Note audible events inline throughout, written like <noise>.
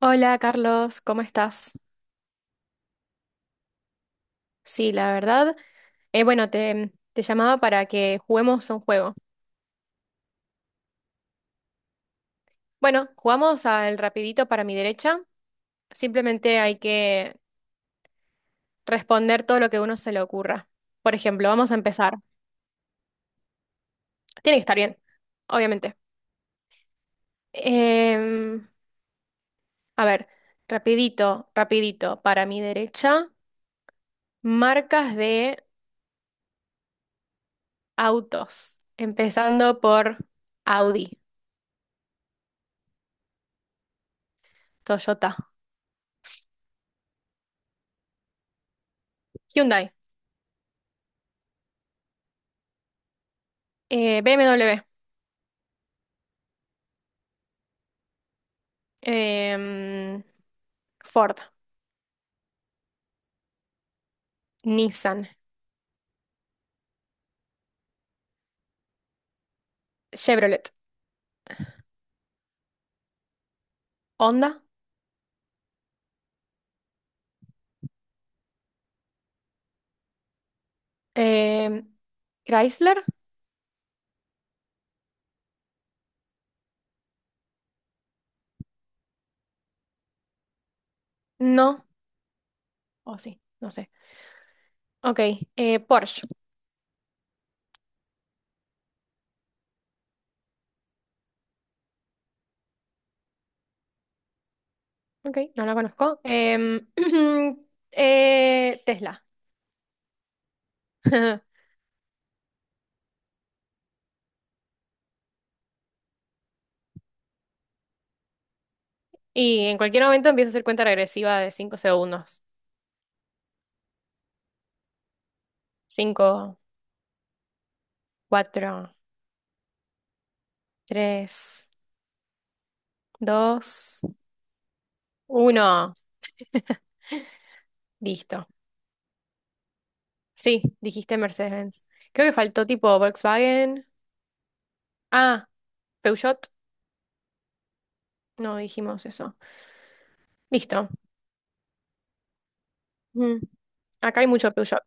Hola Carlos, ¿cómo estás? Sí, la verdad. Bueno, te llamaba para que juguemos a un juego. Bueno, jugamos al rapidito para mi derecha. Simplemente hay que responder todo lo que a uno se le ocurra. Por ejemplo, vamos a empezar. Tiene que estar bien, obviamente. Em, a ver, rapidito, rapidito para mi derecha. Marcas de autos. Empezando por Audi, Toyota, Hyundai, BMW. Em, Ford, Nissan, Chevrolet, Honda, em, Chrysler, no, o sí, no sé. Ok, Porsche, ok, no la conozco. <clears throat> Tesla. <laughs> Y en cualquier momento empiezo a hacer cuenta regresiva de 5 segundos. Cinco, cuatro, tres, dos, uno. Listo. Sí, dijiste Mercedes-Benz. Creo que faltó tipo Volkswagen. Ah, Peugeot, no dijimos eso. Listo. Mm. Acá hay mucho Peugeot.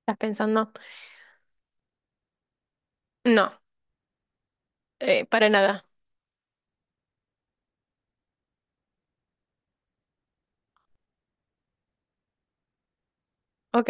¿Estás pensando? No, para nada. Ok,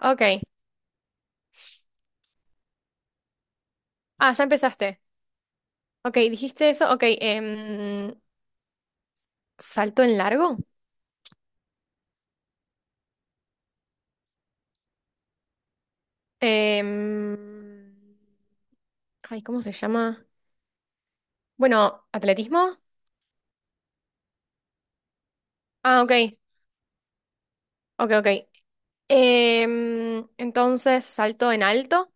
ok. Ah, ya empezaste. Ok, dijiste eso. Ok, salto en largo. Em, ay, ¿cómo se llama? Bueno, atletismo. Ah, ok, ok, ok. Em, entonces, salto en alto.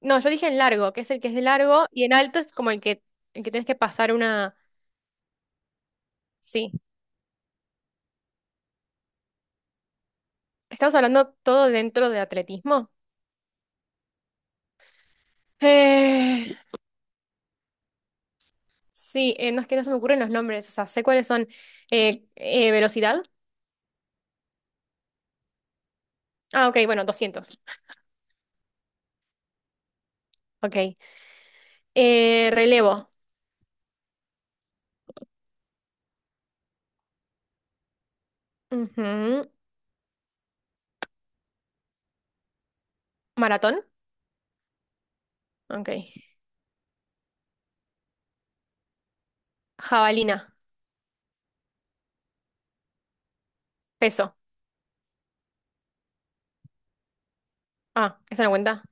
No, yo dije en largo, que es el que es de largo, y en alto es como el que tienes que pasar una... Sí. Estamos hablando todo dentro de atletismo. Eh, sí, no es que no se me ocurren los nombres, o sea, sé cuáles son. Velocidad. Ah, ok, bueno, doscientos, ok. Relevo. Ujú. Maratón. Ok. Jabalina. Peso. Ah, esa no cuenta.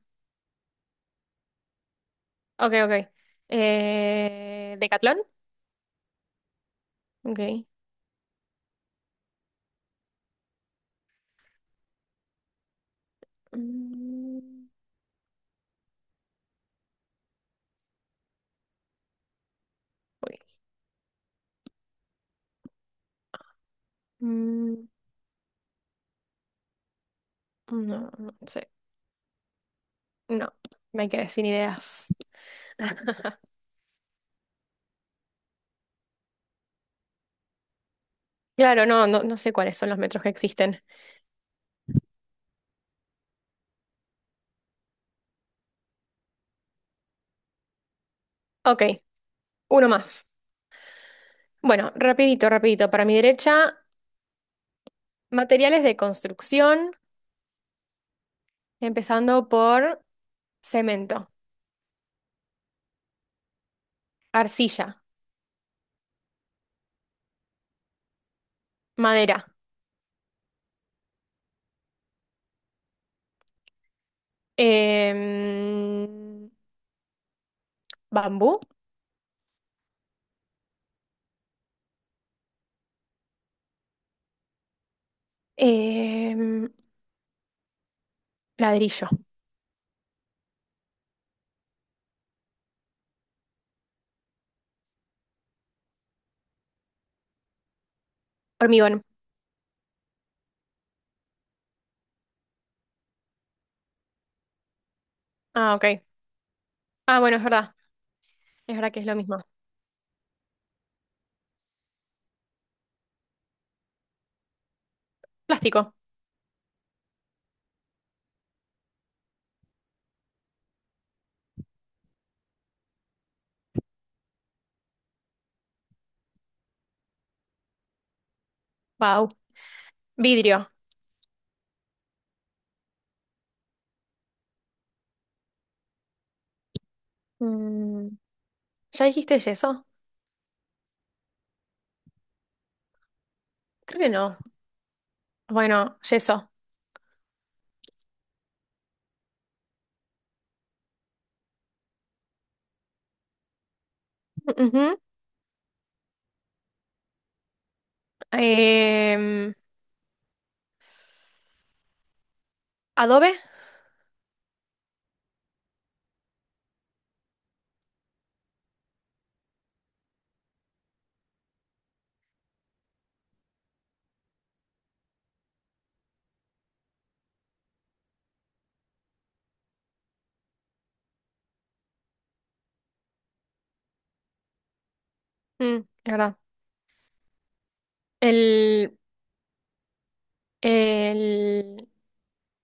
Ok, ok. Decatlón. Ok. Mm, uy. Mm, no, no sé. No, me quedé sin ideas. <laughs> Claro, no, no, no sé cuáles son los metros que existen. Ok, uno más. Bueno, rapidito, rapidito. Para mi derecha, materiales de construcción, empezando por cemento, arcilla, madera, em, bambú, em, ladrillo, hormigón. Ah, ok. Ah, bueno, es verdad. Es verdad que es lo mismo. Plástico. Wow. Vidrio. Mm, ¿ya dijiste yeso? Creo que no. Bueno, yeso. Ujú. Em, adobe. Mm, es verdad. El, el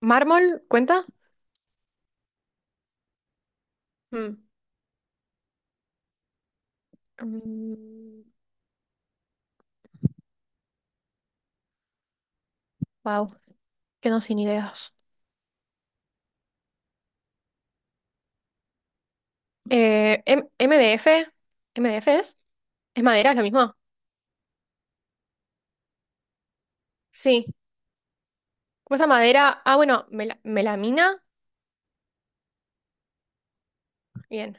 mármol, ¿cuenta? Wow, que no sin ideas. MDF, MDF es madera, es la misma. Sí. ¿Cómo esa madera? Ah, bueno, melamina. Bien.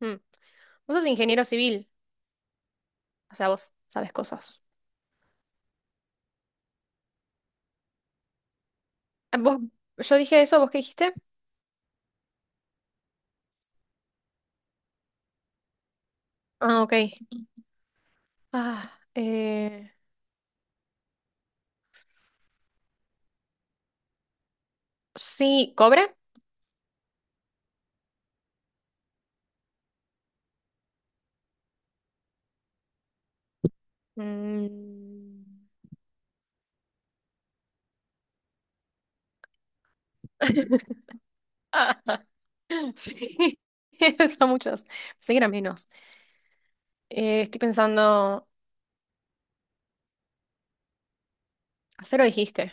Mm. Vos sos ingeniero civil, o sea, vos sabes cosas. Ah, vos, yo dije eso, ¿vos qué dijiste? Ah, ok. Ah, eh, sí, cobre. Mm. <laughs> <laughs> Sí, <laughs> son muchos. Pensé que eran menos. Estoy pensando, acero dijiste,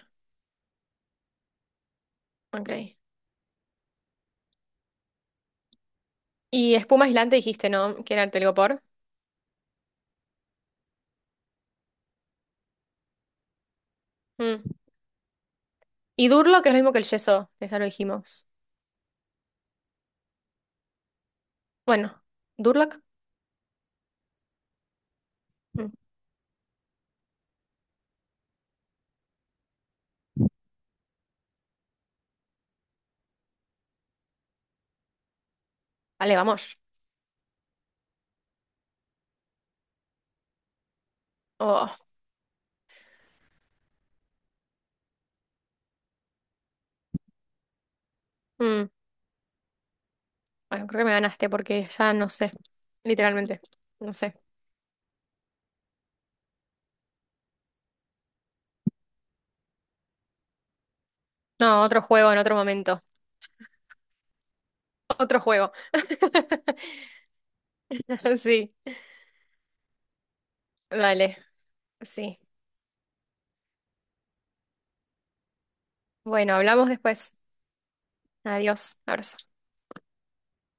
ok. Y espuma aislante dijiste, ¿no? Que era el telgopor. Mm. Y Durlock es lo mismo que el yeso, que ya lo dijimos. Bueno, Durlock. Mm. Vale, vamos. Oh, mm. Bueno, creo que me ganaste porque ya no sé, literalmente. No sé. No, otro juego en otro momento. Otro juego. <laughs> Sí, vale, sí. Bueno, hablamos después. Adiós, abrazo.